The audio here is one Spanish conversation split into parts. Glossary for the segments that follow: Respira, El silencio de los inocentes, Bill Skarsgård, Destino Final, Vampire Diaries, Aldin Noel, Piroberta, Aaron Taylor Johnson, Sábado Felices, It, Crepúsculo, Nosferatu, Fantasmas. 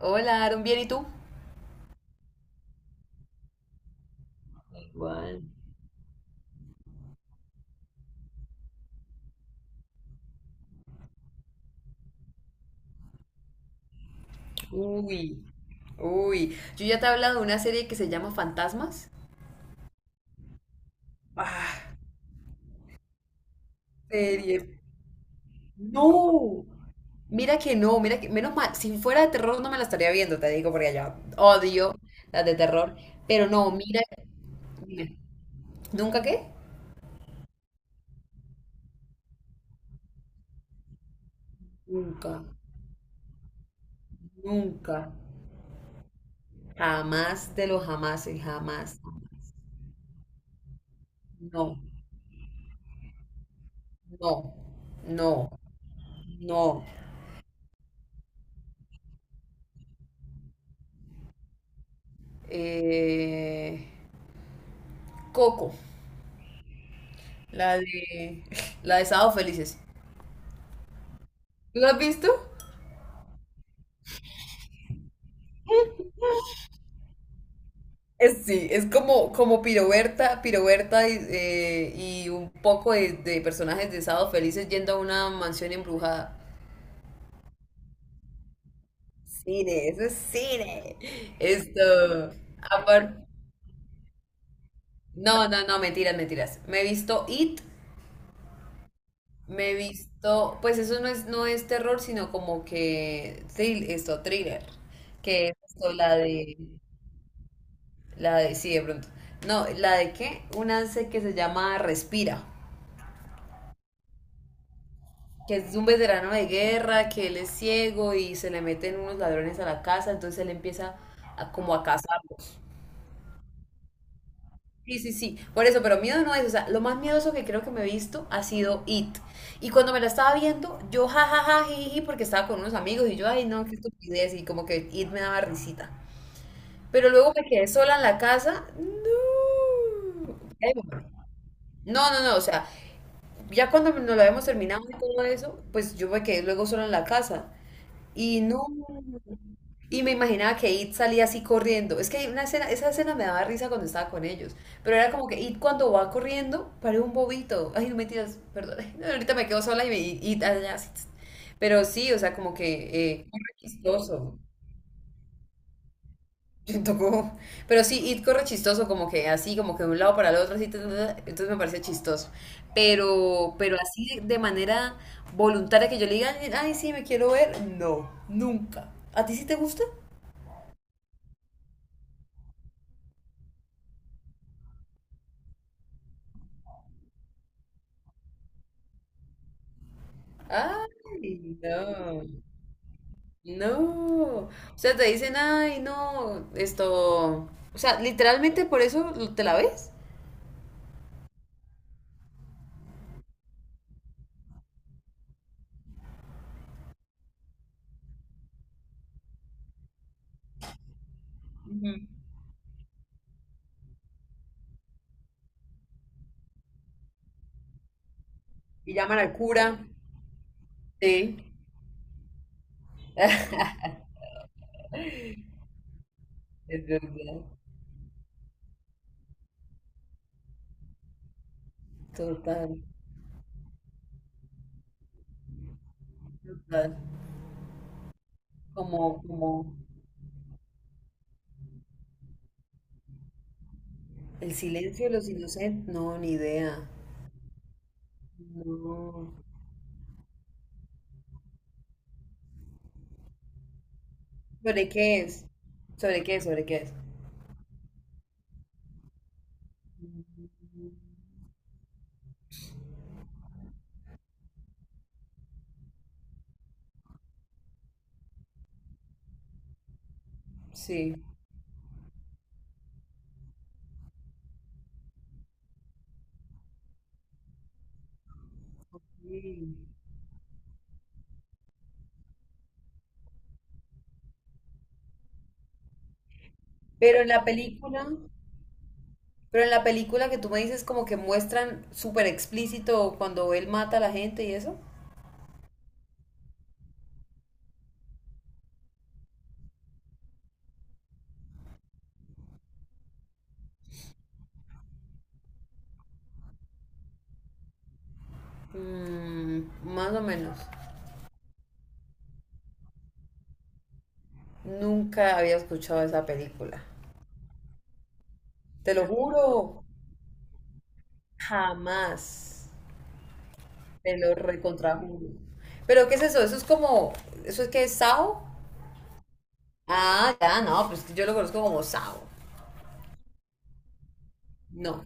Hola, Aaron, ¿bien y tú? Uy, Uy, yo ya te he hablado de una serie que se llama Fantasmas. Ah, serie. No. Mira que no, mira que, menos mal, si fuera de terror no me la estaría viendo, te digo, porque ya odio las de terror. Pero no, mira, dime, ¿nunca qué? Nunca, nunca. Jamás de los jamases, jamás, jamás. No, no, no, no. Eh, Coco. La de. La de Sábado Felices. ¿Tú la has visto? Es, sí, es como Piroberta, Piroberta y un poco de personajes de Sábado Felices yendo a una mansión embrujada. Cine, eso es cine. Esto. Aparte. No, no, no, mentiras, mentiras. Me he visto It, me he visto. Pues eso no es terror, sino como que... thriller. Que es esto, la de. La de, sí, de pronto. No, ¿la de qué? Un ANSE que se llama Respira, que es un veterano de guerra, que él es ciego y se le meten unos ladrones a la casa, entonces él empieza como a cazarlos. Sí, sí, sí. Por eso, pero miedo no es, o sea, lo más miedoso que creo que me he visto ha sido It. Y cuando me la estaba viendo, yo jajaja, jiji, porque estaba con unos amigos y yo, ay, no, qué estupidez, y como que It me daba risita. Pero luego me quedé sola en la casa. No. No, no, no, o sea, ya cuando nos lo habíamos terminado y todo eso, pues yo me quedé luego sola en la casa. Y no. Y me imaginaba que It salía así corriendo. Es que hay una escena, esa escena me daba risa cuando estaba con ellos. Pero era como que It cuando va corriendo, parece un bobito. Ay, no mentiras, perdón. No, ahorita me quedo sola y me. Y- It allá así. Pero sí, o sea, como que... muy chistoso. Le tocó. Pero sí, It corre chistoso, como que así, como que de un lado para el otro, así, ta, ta, ta, entonces me parece chistoso. Pero así de manera voluntaria que yo le diga, ay, sí, me quiero ver, no, nunca. ¿A ti sí te gusta? Ay, no, no. O sea, te dicen, ay, no, esto. O sea, literalmente por eso te la ves. Ujú. Y llaman al cura. Sí, es verdad. Total, total. Como, como, el silencio de los inocentes, no, ni idea. No. ¿Sobre qué es? ¿Sobre qué es? Sí. Mm. Pero en la película, pero en la película que tú me dices como que muestran súper explícito cuando él mata a la gente y eso. Mm, más o menos. Nunca había escuchado esa película. Te lo juro, jamás. Te lo recontrajuro. Pero ¿qué es eso? Eso es como, ¿eso es que es Sao? Ah, ya, no, pues yo lo conozco como Sao. No.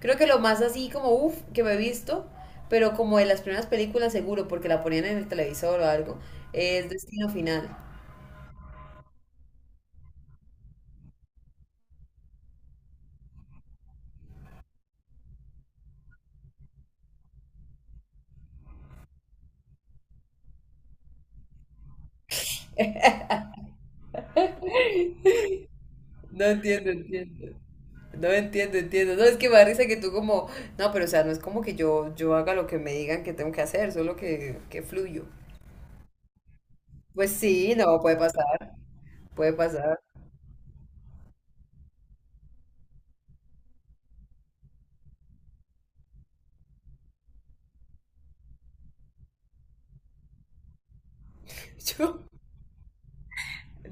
Creo que lo más así como uff que me he visto, pero como en las primeras películas seguro, porque la ponían en el televisor o algo, es Destino Final. No entiendo, entiendo. No entiendo, entiendo. No, es que me da risa que tú como, no, pero o sea, no es como que yo haga lo que me digan que tengo que hacer, solo que fluyo. Pues sí, no, puede pasar, puede pasar. Yo,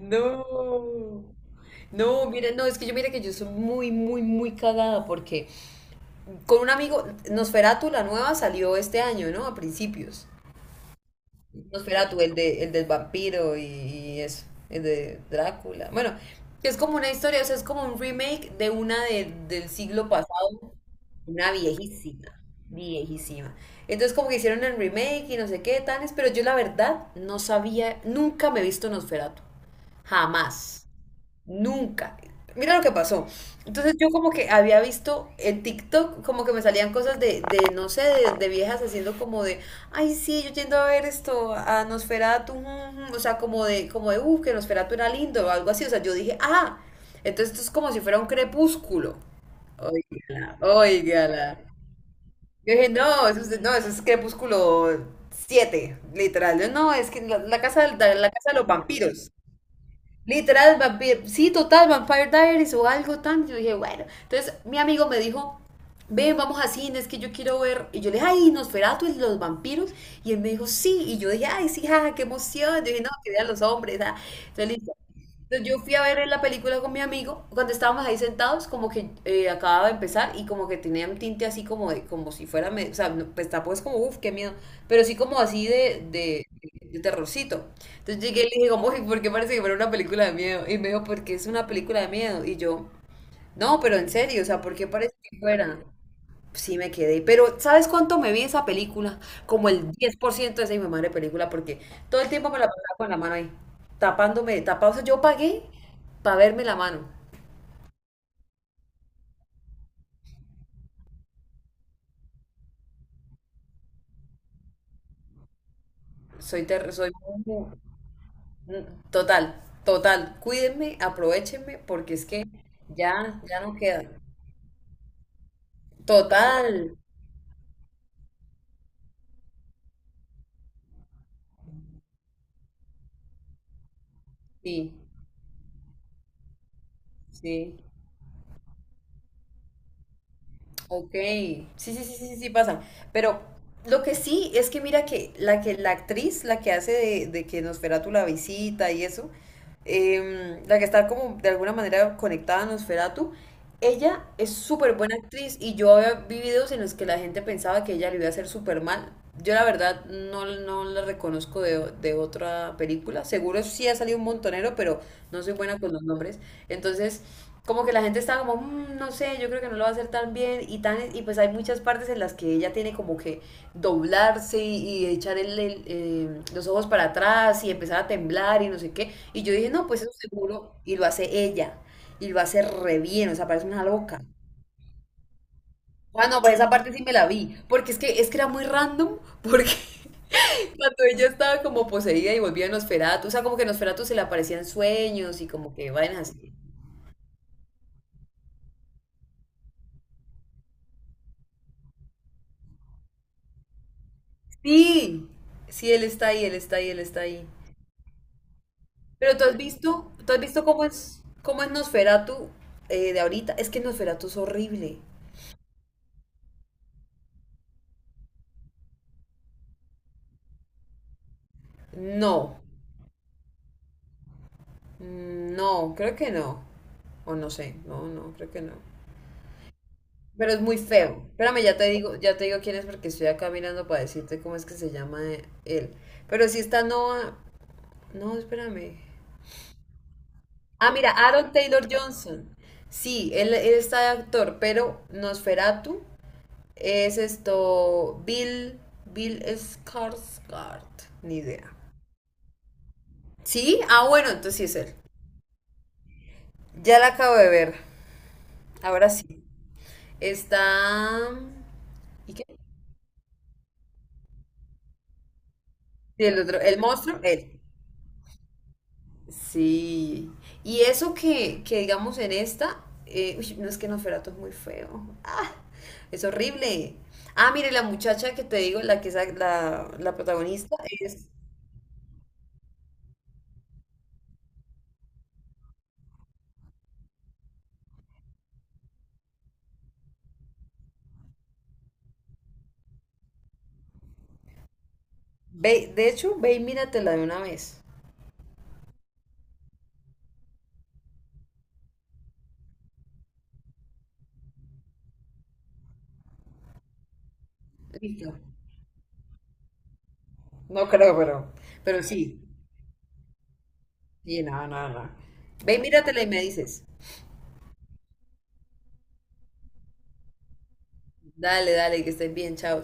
no. No, mira, no, es que yo mira que yo soy muy, muy, muy cagada porque con un amigo, Nosferatu, la nueva, salió este año, ¿no? A principios. Nosferatu, el del vampiro y eso, el de Drácula. Bueno, que es como una historia, o sea, es como un remake de una del siglo pasado, una viejísima, viejísima. Entonces como que hicieron el remake y no sé qué, tales, pero yo la verdad no sabía, nunca me he visto Nosferatu, jamás. Nunca. Mira lo que pasó. Entonces yo como que había visto en TikTok como que me salían cosas de no sé, de viejas haciendo como de, ay sí, yo yendo a ver esto, a Nosferatu, o sea, como de, que Nosferatu era lindo o algo así. O sea, yo dije, ah, entonces esto es como si fuera un crepúsculo. Oígala, oígala. Yo dije, no, eso es, no, eso es crepúsculo 7 literal. Yo, no, es que la casa, la casa de los vampiros. Literal, sí, total, Vampire Diaries o algo tan. Yo dije, bueno. Entonces, mi amigo me dijo, ven, vamos a cine, es que yo quiero ver. Y yo le dije, ay, Nosferatu y los vampiros. Y él me dijo, sí. Y yo dije, ay, sí, jaja, qué emoción. Yo dije, no, que vean los hombres. Ah. Entonces entonces, yo fui a ver la película con mi amigo, cuando estábamos ahí sentados, como que acababa de empezar y como que tenía un tinte así como de, como si fuera, o sea, no, pues tampoco es como, uff, qué miedo, pero sí como así de terrorcito. Entonces llegué y le dije como, uy, ¿por qué parece que fuera una película de miedo? Y me dijo, porque es una película de miedo. Y yo, no, pero en serio, o sea, ¿por qué parece que fuera? Sí me quedé, pero ¿sabes cuánto me vi esa película? Como el 10% de esa mi madre película, porque todo el tiempo me la pasaba con la mano ahí, tapándome, tapado. O sea, yo pagué para verme la mano. Soy, ter- soy muy- mm, total, total. Cuídenme, aprovechenme, porque es que ya no queda. Total, sí, sí. Ok, sí, sí, sí, sí, sí sí pasa. Pero lo que sí es que mira que la actriz, la que hace de que Nosferatu la visita y eso, la que está como de alguna manera conectada a Nosferatu, ella es súper buena actriz y yo había vi videos en los que la gente pensaba que ella le iba a hacer súper mal. Yo la verdad no la reconozco de otra película. Seguro sí ha salido un montonero, pero no soy buena con los nombres. Entonces como que la gente estaba como, "Mm, no sé, yo creo que no lo va a hacer tan bien y tan y pues hay muchas partes en las que ella tiene como que doblarse y echar el, los ojos para atrás y empezar a temblar y no sé qué. Y yo dije, no, pues eso seguro y lo hace ella y lo hace re bien, o sea, parece una loca. Ah, no, pues esa parte sí me la vi, porque es que era muy random, porque cuando ella estaba como poseída y volvía en Nosferatu, o sea, como que Nosferatu se le aparecían sueños y como que vainas así. Sí, sí, él está ahí, él está ahí, él está ahí. Pero tú has visto cómo es Nosferatu de ahorita. Es que Nosferatu es horrible. No, no, creo que no. O no sé, no, no, creo que no. Pero es muy feo. Espérame, ya te digo quién es porque estoy acá mirando para decirte cómo es que se llama él. Pero sí está Noah. No, espérame. Ah, mira, Aaron Taylor Johnson. Sí, él está de actor, pero Nosferatu. Es esto, Bill Skarsgård. Ni idea. ¿Sí? Ah, bueno, entonces sí es él. Ya la acabo de ver. Ahora sí. Está... ¿Y qué? Y el otro, el monstruo, él. Sí. Y eso que digamos en esta, uy, no es que Nosferatu es muy feo. Ah, es horrible. Ah, mire, la muchacha que te digo, la que es la protagonista, es... Ve, de hecho, ve y míratela de una vez. Listo. No creo, pero sí. Sí, no, no, no. Ve, y míratela y me dices. Dale, dale, que estén bien, chao.